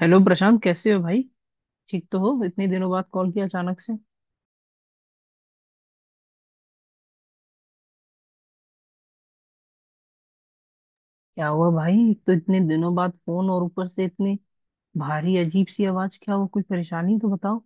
Hello Prashant, कैसे हो भाई। ठीक तो हो? इतने दिनों बाद कॉल किया अचानक से। क्या हुआ भाई, एक तो इतने दिनों बाद फोन और ऊपर से इतनी भारी अजीब सी आवाज। क्या हुआ, कोई परेशानी तो बताओ।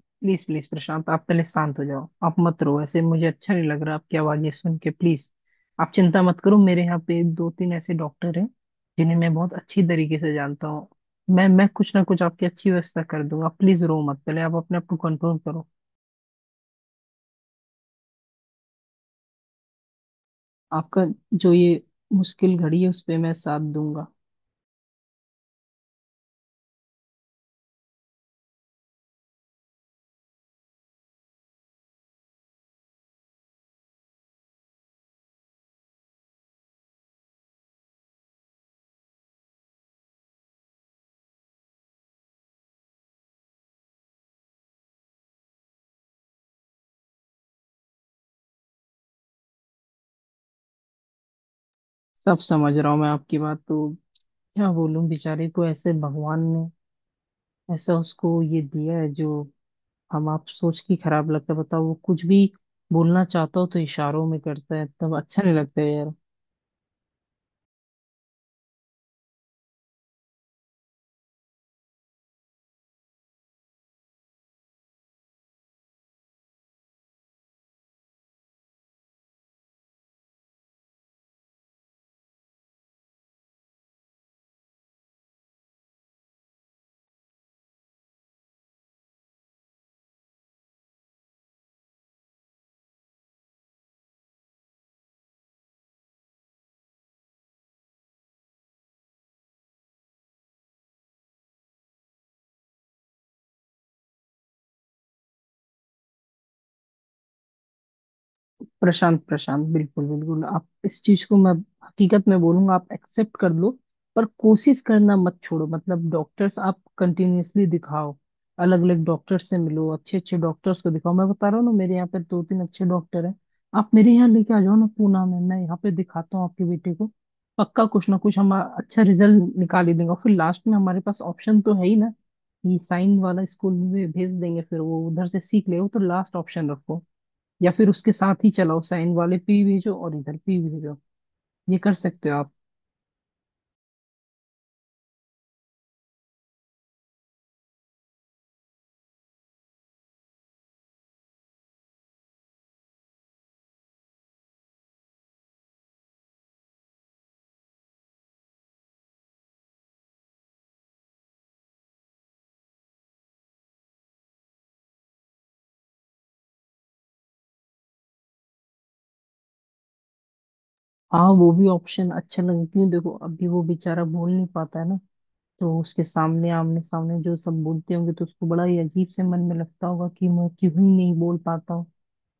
प्लीज प्लीज प्रशांत, आप पहले शांत हो जाओ, आप मत रो ऐसे, मुझे अच्छा नहीं लग रहा आपकी आवाज ये सुन के, प्लीज। आप चिंता मत करो, मेरे यहाँ पे दो तीन ऐसे डॉक्टर हैं जिन्हें मैं बहुत अच्छी तरीके से जानता हूँ। मैं कुछ ना कुछ आपकी अच्छी व्यवस्था कर दूंगा, प्लीज रो मत, पहले आप अपने आप को कंट्रोल करो। आपका जो ये मुश्किल घड़ी है उस पर मैं साथ दूंगा। सब समझ रहा हूँ मैं आपकी बात तो। क्या बोलूँ, बेचारे को ऐसे भगवान ने ऐसा उसको ये दिया है जो हम आप सोच के खराब लगता है। बताओ, वो कुछ भी बोलना चाहता हो तो इशारों में करता है, तब अच्छा नहीं लगता है यार। प्रशांत, प्रशांत, बिल्कुल बिल्कुल आप इस चीज को, मैं हकीकत में बोलूंगा, आप एक्सेप्ट कर लो। पर कोशिश करना मत छोड़ो, मतलब डॉक्टर्स आप कंटिन्यूअसली दिखाओ। अलग अलग डॉक्टर से मिलो, अच्छे अच्छे डॉक्टर्स को दिखाओ। मैं बता रहा हूँ ना, मेरे यहाँ पे दो तीन अच्छे डॉक्टर हैं। आप मेरे यहाँ लेके आ जाओ ना पूना में, मैं यहाँ पे दिखाता हूँ आपके बेटे को। पक्का कुछ ना कुछ हम अच्छा रिजल्ट निकाल ही देंगे, और फिर लास्ट में हमारे पास ऑप्शन तो है ही ना कि साइन वाला स्कूल में भेज देंगे, फिर वो उधर से सीख ले। वो तो लास्ट ऑप्शन रखो, या फिर उसके साथ ही चलाओ, साइन वाले पे ही भेजो और इधर पे ही भेजो। ये कर सकते हो आप? हाँ, वो भी ऑप्शन अच्छा लगे क्यों। देखो अभी वो बेचारा बोल नहीं पाता है ना, तो उसके सामने आमने सामने जो सब बोलते होंगे तो उसको बड़ा ही अजीब से मन में लगता होगा कि मैं क्यों ही नहीं बोल पाता हूँ।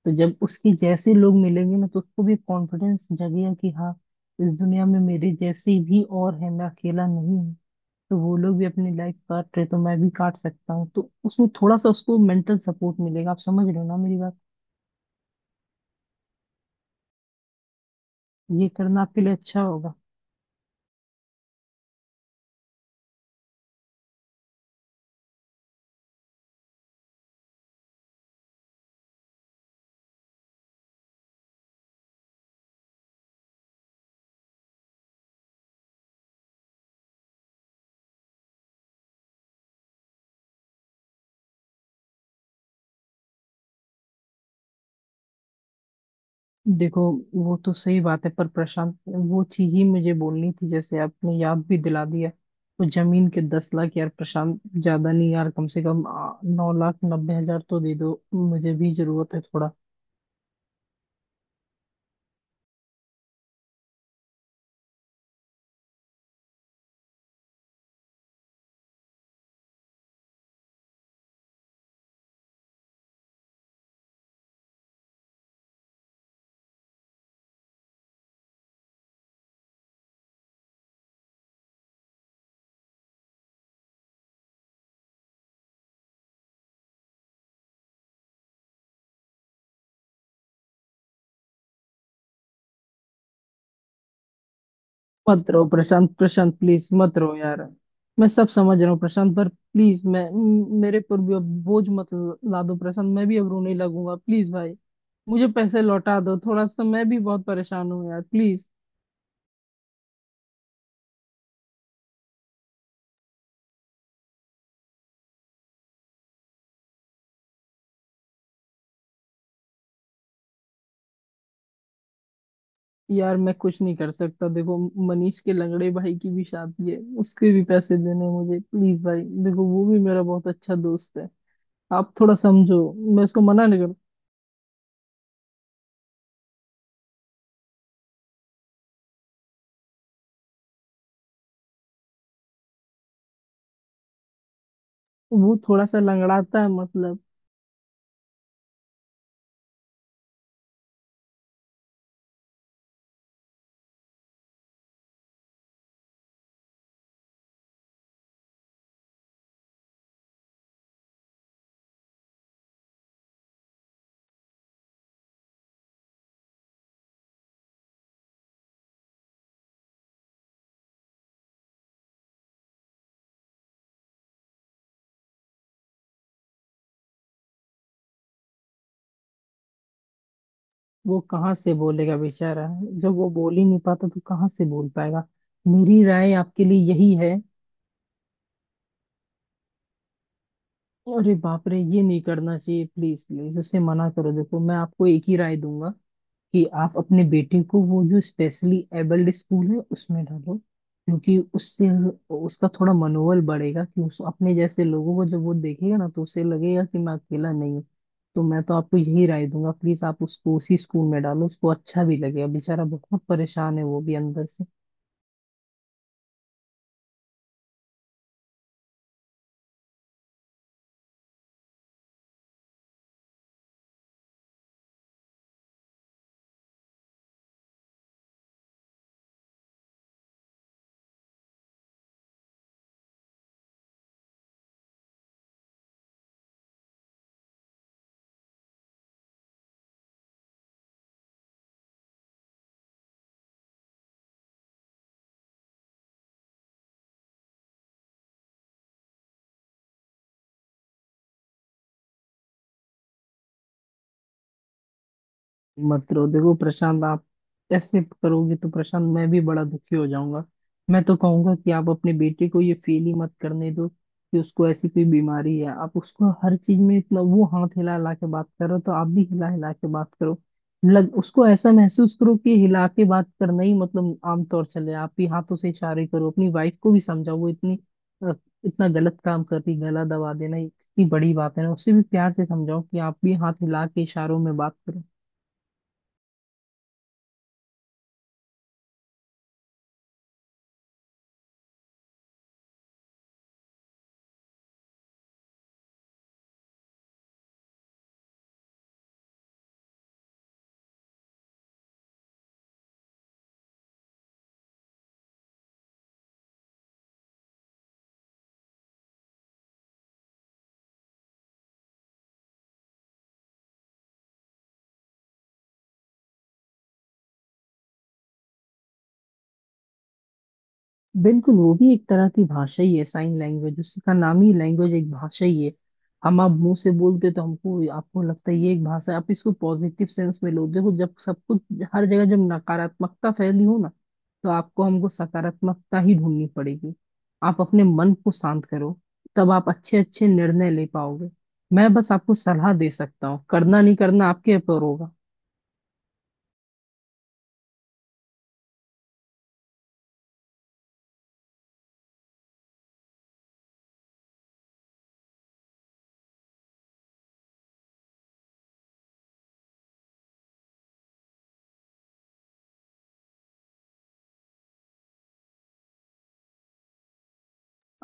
तो जब उसके जैसे लोग मिलेंगे ना, तो उसको भी कॉन्फिडेंस जगेगा कि हाँ, इस दुनिया में मेरे जैसे भी और है, मैं अकेला नहीं हूँ। तो वो लोग भी अपनी लाइफ काट रहे तो मैं भी काट सकता हूँ, तो उसमें थोड़ा सा उसको मेंटल सपोर्ट मिलेगा। आप समझ रहे हो ना मेरी बात? ये करना आपके लिए अच्छा होगा। देखो, वो तो सही बात है, पर प्रशांत वो चीज ही मुझे बोलनी थी, जैसे आपने याद भी दिला दिया। तो जमीन के 10 लाख, यार प्रशांत ज्यादा नहीं यार, कम से कम 9 लाख 90 हज़ार तो दे दो, मुझे भी जरूरत है थोड़ा। मत रहो प्रशांत, प्रशांत प्लीज मत रहो यार। मैं सब समझ रहा हूँ प्रशांत, पर प्लीज मैं मेरे पर भी अब बोझ मत ला दो प्रशांत, मैं भी अब रोने लगूंगा प्लीज भाई। मुझे पैसे लौटा दो थोड़ा सा, मैं भी बहुत परेशान हूँ यार प्लीज। यार मैं कुछ नहीं कर सकता, देखो, मनीष के लंगड़े भाई की भी शादी है, उसके भी पैसे देने हैं मुझे, प्लीज भाई देखो, वो भी मेरा बहुत अच्छा दोस्त है। आप थोड़ा समझो, मैं उसको मना नहीं कर। वो थोड़ा सा लंगड़ाता है मतलब। वो कहाँ से बोलेगा बेचारा, जब वो बोल ही नहीं पाता तो कहाँ से बोल पाएगा। मेरी राय आपके लिए यही है। अरे बाप रे, ये नहीं करना चाहिए, प्लीज प्लीज उसे मना करो। देखो, मैं आपको एक ही राय दूंगा कि आप अपने बेटे को वो जो स्पेशली एबल्ड स्कूल है उसमें डालो, क्योंकि उससे उसका थोड़ा मनोबल बढ़ेगा, कि उस अपने जैसे लोगों को जब वो देखेगा ना तो उसे लगेगा कि मैं अकेला नहीं हूँ। तो मैं तो आपको यही राय दूंगा, प्लीज आप उसको उसी स्कूल में डालो, उसको अच्छा भी लगेगा, बेचारा बहुत परेशान है वो भी अंदर से। मत रो देखो प्रशांत, आप ऐसे करोगे तो प्रशांत मैं भी बड़ा दुखी हो जाऊंगा। मैं तो कहूंगा कि आप अपने बेटे को ये फील ही मत करने दो कि उसको ऐसी कोई बीमारी है। आप उसको हर चीज में इतना, वो हाथ हिला हिला के बात करो तो आप भी हिला हिला के बात करो। लग उसको ऐसा महसूस करो कि हिला के बात करना ही मतलब आमतौर चले, आप ही हाथों से इशारे करो। अपनी वाइफ को भी समझाओ, वो इतनी अ, इतना गलत काम कर रही, गला दबा देना ये कितनी बड़ी बात है ना, उससे भी प्यार से समझाओ कि आप भी हाथ हिला के इशारों में बात करो। बिल्कुल, वो भी एक तरह की भाषा ही है साइन लैंग्वेज, उसका नाम ही लैंग्वेज, एक भाषा ही है। हम आप मुंह से बोलते तो हमको आपको लगता है ये एक भाषा है। आप इसको पॉजिटिव सेंस में लो। देखो जब सब कुछ, हर जगह जब नकारात्मकता फैली हो ना, तो आपको हमको सकारात्मकता ही ढूंढनी पड़ेगी। आप अपने मन को शांत करो, तब आप अच्छे अच्छे निर्णय ले पाओगे। मैं बस आपको सलाह दे सकता हूँ, करना नहीं करना आपके ऊपर होगा।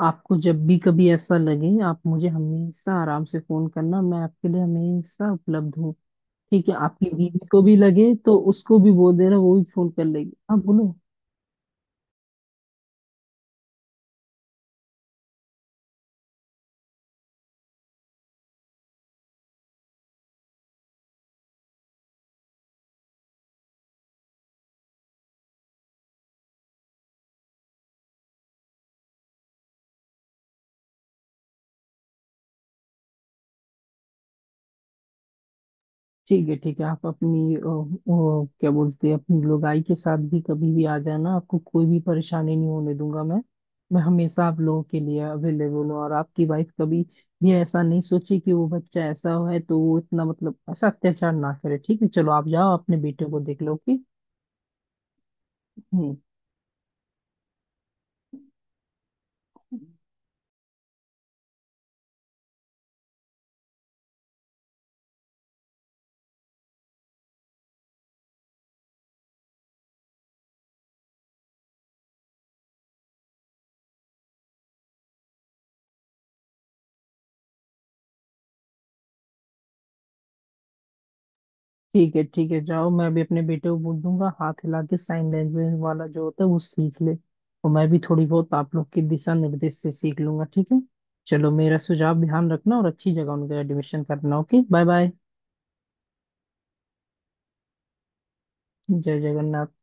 आपको जब भी कभी ऐसा लगे, आप मुझे हमेशा आराम से फोन करना, मैं आपके लिए हमेशा उपलब्ध हूँ। ठीक है? आपकी बीवी को भी लगे तो उसको भी बोल देना, वो भी फोन कर लेगी, आप बोलो। ठीक है, ठीक है। आप अपनी क्या बोलते हैं, अपनी लोगाई के साथ भी कभी भी आ जाना, आपको कोई भी परेशानी नहीं होने दूंगा मैं। मैं हमेशा आप लोगों के लिए अवेलेबल हूँ, और आपकी वाइफ कभी भी ऐसा नहीं सोचे कि वो बच्चा ऐसा है तो वो इतना, मतलब ऐसा अत्याचार ना करे। ठीक है, चलो आप जाओ, अपने बेटे को देख लो, ओके। हम्म। ठीक है ठीक है, जाओ, मैं भी अपने बेटे को बोल दूंगा हाथ हिला के साइन लैंग्वेज वाला जो होता है वो सीख ले, और मैं भी थोड़ी बहुत आप लोग के दिशा निर्देश से सीख लूंगा। ठीक है, चलो, मेरा सुझाव ध्यान रखना, और अच्छी जगह उनका एडमिशन करना। Okay, bye bye. जय जगन्नाथ।